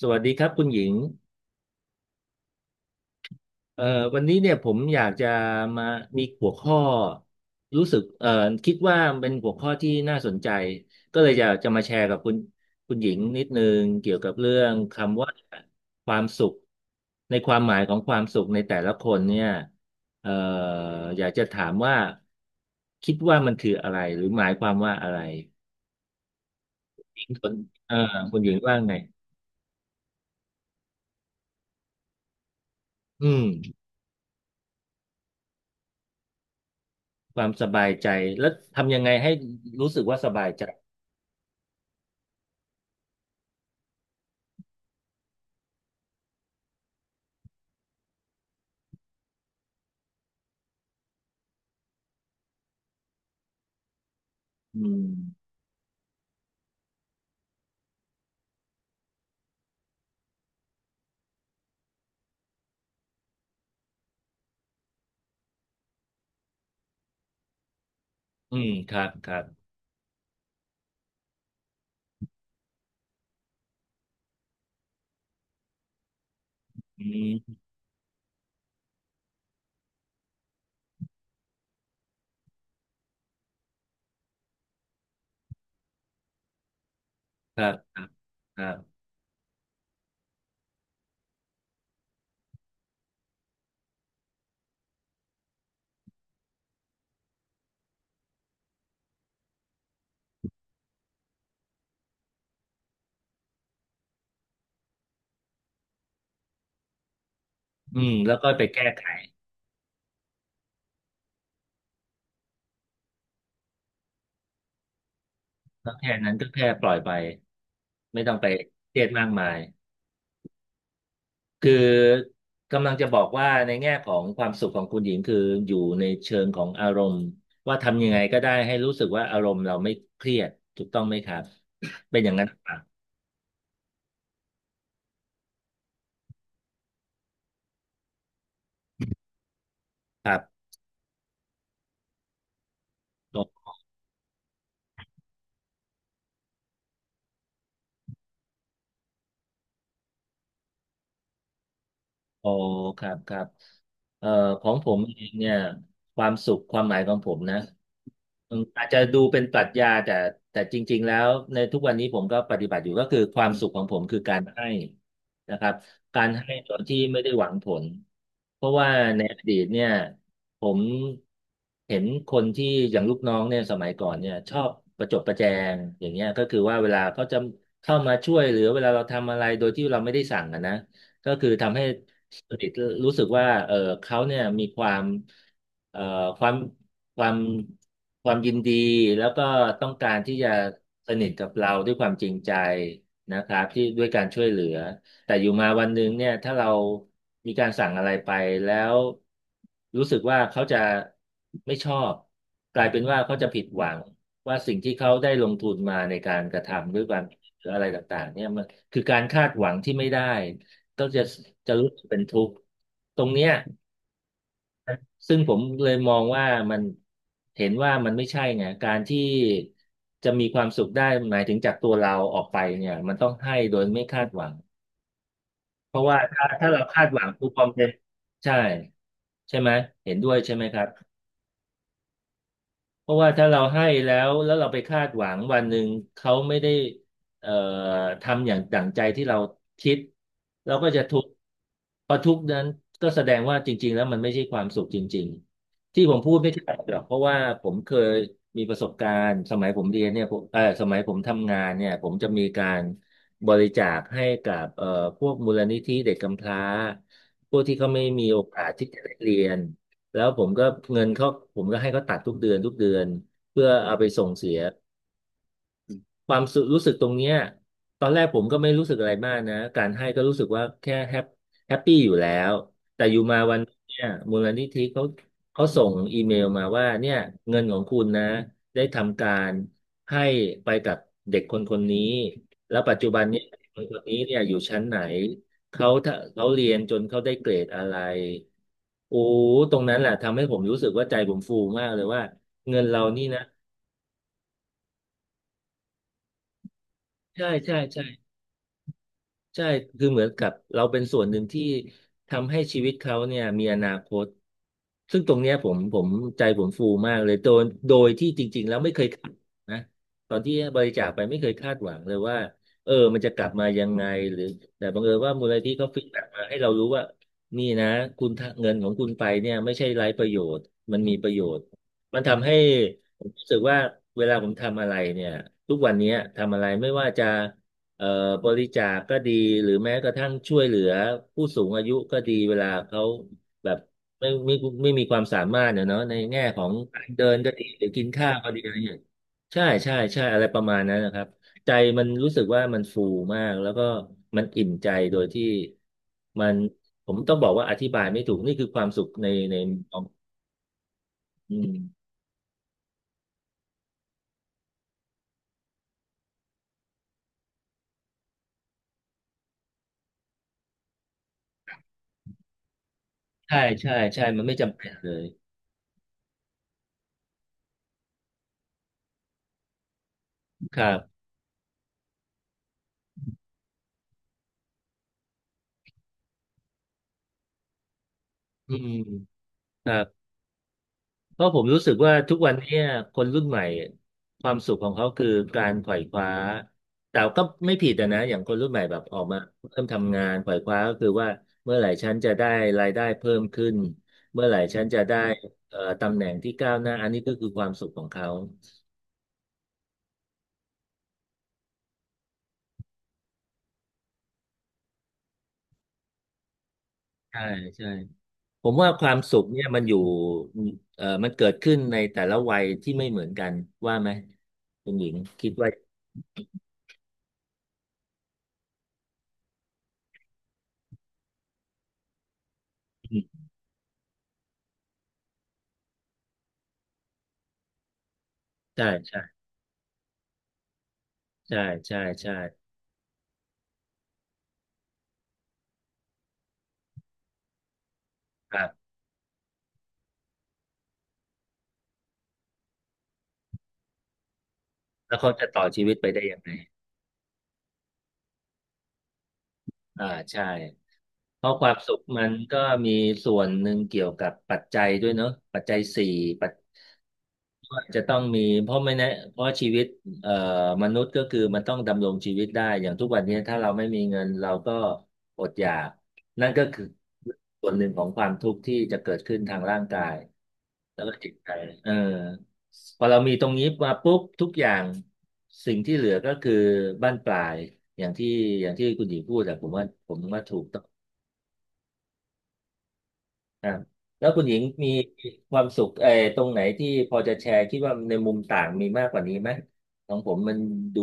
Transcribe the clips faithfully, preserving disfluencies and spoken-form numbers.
สวัสดีครับคุณหญิงเอ่อวันนี้เนี่ยผมอยากจะมามีหัวข้อรู้สึกเอ่อคิดว่าเป็นหัวข้อที่น่าสนใจก็เลยจะจะมาแชร์กับคุณคุณหญิงนิดนึงเกี่ยวกับเรื่องคำว่าความสุขในความหมายของความสุขในแต่ละคนเนี่ยเอ่ออยากจะถามว่าคิดว่ามันคืออะไรหรือหมายความว่าอะไรหญิงสนเอ่อคุณหญิงว่าไงอืมความสบายใจแล้วทำยังไงให้รู้สึกว่าสบายใจ อืมอืมครับครับอืมครับครับครับอืมแล้วก็ไปแก้ไขแล้วแค่นั้นก็แค่ปล่อยไปไม่ต้องไปเครียดมากมายคือกำลังจะบอกว่าในแง่ของความสุขของคุณหญิงคืออยู่ในเชิงของอารมณ์ว่าทำยังไงก็ได้ให้รู้สึกว่าอารมณ์เราไม่เครียดถูกต้องไหมครับเป็นอย่างนั้นหรือเปล่ะครับ โอ้ครับครับเอ่อของผมเองเนี่ยความสุขความหมายของผมนะอืมอาจจะดูเป็นปรัชญาแต่แต่จริงๆแล้ว ในทุกวันนี้ผมก็ปฏิบัติอยู่ก็คือความสุขของผมคือการให้นะครับการให้โดยที่ไม่ได้หวังผล เพราะว่าในอดีตเนี่ยผมเห็นคนที่อย่างลูกน้องเนี่ยสมัยก่อนเนี่ยชอบประจบประแจง อย่างเงี้ยก็คือว่าเวลาเขาจะเข้ามาช่วยหรือเวลาเราทำอะไรโดยที่เราไม่ได้สั่งอะนะก็คือทำให้ สนิตรู้สึกว่าเออเขาเนี่ยมีความเอ่อความความความยินดีแล้วก็ต้องการที่จะสนิทกับเราด้วยความจริงใจนะครับที่ด้วยการช่วยเหลือแต่อยู่มาวันหนึ่งเนี่ยถ้าเรามีการสั่งอะไรไปแล้วรู้สึกว่าเขาจะไม่ชอบกลายเป็นว่าเขาจะผิดหวังว่าสิ่งที่เขาได้ลงทุนมาในการกระทำด้วยความหรืออะไรต่างๆเนี่ยมันคือการคาดหวังที่ไม่ได้ ก็จะจะรู้สึกเป็นทุกข์ตรงเนี้ยซึ่งผมเลยมองว่ามันเห็นว่ามันไม่ใช่ไงการที่จะมีความสุขได้หมายถึงจากตัวเราออกไปเนี่ยมันต้องให้โดยไม่คาดหวังเพราะว่าถ้าถ้าเราคาดหวังทุกความเป็นใช่ใช่ไหมเห็นด้วยใช่ไหมครับ เพราะว่าถ้าเราให้แล้วแล้วเราไปคาดหวังวันหนึ่งเขาไม่ได้เอ่อทำอย่างดั่งใจที่เราคิดเราก็จะทุกข์พอทุกข์นั้นก็แสดงว่าจริงๆแล้วมันไม่ใช่ความสุขจริงๆที่ผมพูดไม่ใช่หรอกเพราะว่าผมเคยมีประสบการณ์สมัยผมเรียนเนี่ยผมเออสมัยผมทำงานเนี่ยผมจะมีการบริจาคให้กับเอ่อพวกมูลนิธิเด็กกำพร้าพวกที่เขาไม่มีโอกาสที่จะได้เรียน แล้วผมก็เงินเขาผมก็ให้เขาตัดทุกเดือนทุกเดือนเพื่อเอาไปส่งเสีย ความสุรู้สึกตรงเนี้ยตอนแรกผมก็ไม่รู้สึกอะไรมากนะการให้ก็รู้สึกว่าแค่แฮปแฮปปี้อยู่แล้วแต่อยู่มาวันเนี่ยมูลนิธิเขาเขาส่งอีเมลมาว่าเนี่ยเงินของคุณนะได้ทำการให้ไปกับเด็กคนคนนี้แล้วปัจจุบันเนี่ยเด็กคนคนนี้เนี่ยอยู่ชั้นไหนเขาถ้าเขาเรียนจนเขาได้เกรดอะไรโอ้ตรงนั้นแหละทำให้ผมรู้สึกว่าใจผมฟูมากเลยว่าเงินเรานี่นะใช่ใช่ใช่ ใช่คือเหมือนกับเราเป็นส่วนหนึ่งที่ทำให้ชีวิตเขาเนี่ยมีอนาคตซึ่งตรงเนี้ยผมผมใจผมฟูมากเลยโดยโดยที่จริงๆแล้วไม่เคยคาดนะตอนที่บริจาคไปไม่เคยคาดหวังเลยว่าเออมันจะกลับมายังไงหรือแต่บังเอิญว่ามูลนิธิเขาฟีดแบ็กมาให้เรารู้ว่านี่นะคุณทะเงินของคุณไปเนี่ยไม่ใช่ไร้ประโยชน์มันมีประโยชน์มันทำให้ผมรู้สึกว่าเวลาผมทำอะไรเนี่ยทุกวันเนี้ยทำอะไรไม่ว่าจะ เอ่อบริจาคก็ดีหรือแม้กระทั่งช่วยเหลือผู้สูงอายุก็ดีเวลาเขาแบบไม่ไม่ไม่มีความสามารถเนี่ยเนาะในแง่ของการเดินก็ดีหรือกินข้าวก็ดีอะไรอย่างเงี้ยใช่ใช่ใช่อะไรประมาณนั้นนะครับใจมันรู้สึกว่ามันฟูมากแล้วก็มันอิ่มใจโดยที่มันผมต้องบอกว่าอธิบายไม่ถูกนี่คือความสุขในในอืมใช่ใช่ใช่มันไม่จำเป็นเลยครับอืมครับ เพราะผมรู้สึกว่าทุกวันเนี้ยคนรุ่นใหม่ความสุขของเขาคือการขวายคว้าแต่ก็ไม่ผิดอะนะอย่างคนรุ่นใหม่แบบออกมาเริ่มทำงานขวายคว้าก็คือว่าเมื่อไหร่ฉันจะได้รายได้เพิ่มขึ้นเมื่อไหร่ฉันจะได้เอ่อตำแหน่งที่ก้าวหน้าอันนี้ก็คือความสุขของเขาใช่ใช่ผมว่าความสุขเนี่ยมันอยู่เอ่อมันเกิดขึ้นในแต่ละวัยที่ไม่เหมือนกันว่าไหมคุณหญิงคิดว่าใช่ใช่ใช่ใช่ใช่ แล้วเขาจะต่อชีวิตไปได้ยังไงอ่าใช่ เพราะความสุขมันก็มีส่วนหนึ่งเกี่ยวกับปัจจัยด้วยเนอะปัจจัยสี่ปัจว่าจะต้องมีเพราะไม่แนะเพราะชีวิตเอ่อมนุษย์ก็คือมันต้องดำรงชีวิตได้อย่างทุกวันนี้ถ้าเราไม่มีเงินเราก็อดอยากนั่นก็คือส่วนหนึ่งของความทุกข์ที่จะเกิดขึ้นทางร่างกายแล้วก็จิตใจเออพอเรามีตรงนี้มาปุ๊บทุกอย่างสิ่งที่เหลือก็คือบั้นปลายอย่างที่อย่างที่คุณหญิงพูดแต่ผมว่าผมว่าถูกต้อง อ่าแล้วคุณหญิงมีความสุขเออตรงไหนที่พอจะแชร์คิดว่าในมุมต่างมีมากกว่านี้ไหมของผมมันดู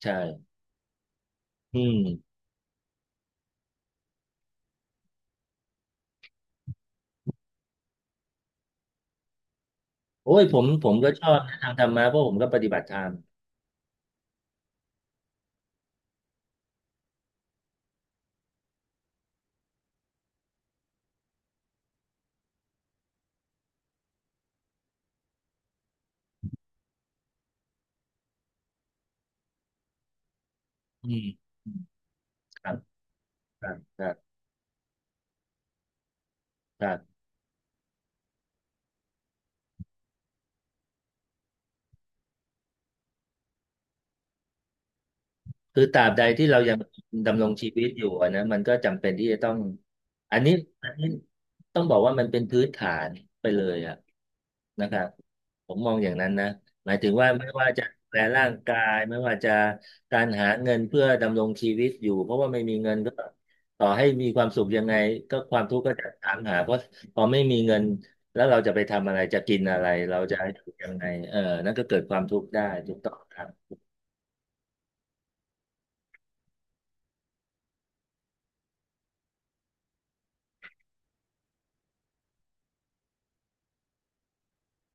ใช่อืมโอ้ยผมผมก็ชอบนะทางธรรมะเพราะผมก็ปฏิบัติธรรมอืมอืมครับครับครับครับ คือตราบใดที่เรายังดำรงชีวิตอยู่อะนะมันก็จำเป็นที่จะต้องอันนี้อันนี้ต้องบอกว่ามันเป็นพื้นฐานไปเลยอะนะครับผมมองอย่างนั้นนะหมายถึงว่าไม่ว่าจะดูแลร่างกายไม่ว่าจะการหาเงินเพื่อดำรงชีวิตอยู่เพราะว่าไม่มีเงินก็ต่อให้มีความสุขยังไงก็ความทุกข์ก็จะถามหาเพราะพอไม่มีเงินแล้วเราจะไปทำอะไรจะกินอะไรเราจะอยู่ยังไงเออนั่นก็เกิดความทุกข์ได้ถูกต้องครับ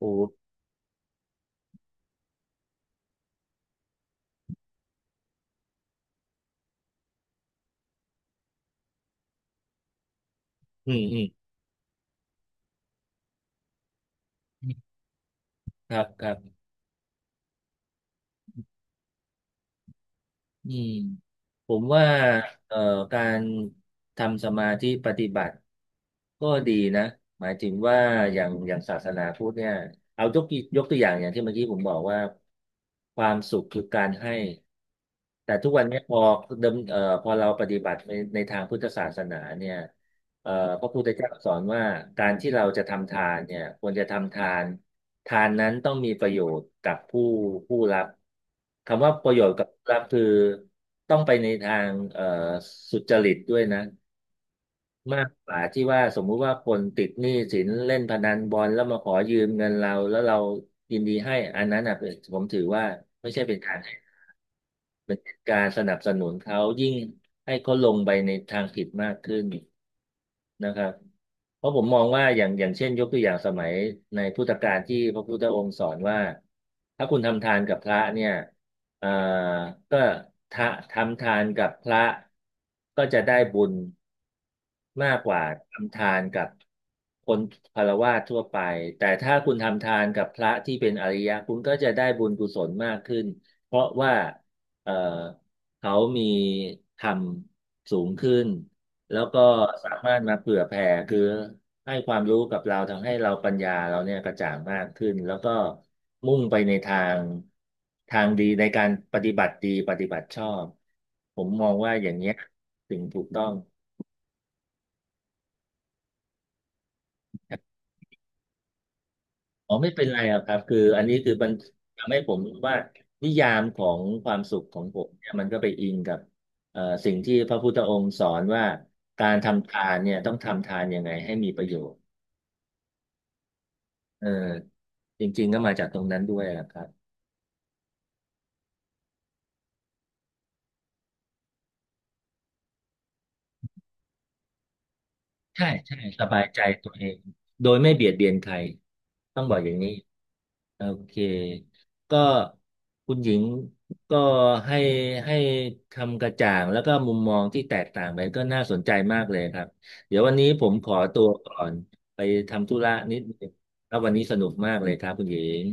โอ้อืมอืม ครับครับอืมผมว่าเอ่อการทำสมาธิปฏิบัติก็ดีนะหมายถึงว่าอย่างอย่างศาสนาพุทธเนี่ยเอายกตัวยกตัวอย่างอย่างที่เมื่อกี้ผมบอกว่าความสุขคือการให้แต่ทุกวันเนี้พอเดิมเอ่อพอเราปฏิบัติในในทางพุทธศาสนาเนี่ย เอ่อพระพุทธเจ้าสอนว่าการที่เราจะทำทานเนี่ยควรจะทำทานทานนั้นต้องมีประโยชน์กับผู้ผู้รับคำว่าประโยชน์กับผู้รับคือต้องไปในทางเอ่อสุจริตด้วยนะมากกว่าที่ว่าสมมุติว่าคนติดหนี้สินเล่นพนันบอลแล้วมาขอยืมเงินเราแล้วเรายินดีให้อันนั้นอ่ะเป็นผมถือว่าไม่ใช่เป็นการให้ การสนับสนุนเขายิ่งให้เขาลงไปในทางผิดมากขึ้นนะครับเพราะผมมองว่าอย่างอย่างเช่นยกตัวอย่างสมัยในพุทธกาลที่พระพุทธองค์สอนว่าถ้าคุณทำทานกับพระเนี่ยเอ่อก็ทะทำทานกับพระก็จะได้บุญมากกว่าทำทานกับคนฆราวาสทั่วไปแต่ถ้าคุณทำทานกับพระที่เป็นอริยะคุณก็จะได้บุญกุศลมากขึ้นเพราะว่า เอ่อเขามีทำสูงขึ้น แล้วก็สามารถมาเผื่อแผ่คือ ให้ความรู้กับเราทำให้เราปัญญาเราเนี่ยกระจ่างมากขึ้น แล้วก็มุ่งไปในทางทางดีในการปฏิบัติดี ปฏิบัติชอบ ผมมองว่าอย่างเนี้ยถึงถูกต้อง อ๋อไม่เป็นไรอะครับคืออันนี้คือมันทำให้ผมรู้ว่านิยามของความสุขของผมเนี่ยมันก็ไปอิงกับเอ่อสิ่งที่พระพุทธองค์สอนว่าการทำทานเนี่ยต้องทำทานยังไงให้มีประโยชน์เออจริงๆก็มาจากตรงนั้นด้วยนะครับ ใช่ใช่สบายใจตัวเองโดยไม่เบียดเบียนใครต้องบอกอย่างนี้โอเคก็คุณหญิงก็ให้ให้คำกระจ่างแล้วก็มุมมองที่แตกต่างไปก็น่าสนใจมากเลยครับเดี๋ยววันนี้ผมขอตัวก่อนไปทำธุระนิดนึงแล้ววันนี้สนุกมากเลยครับคุณหญิง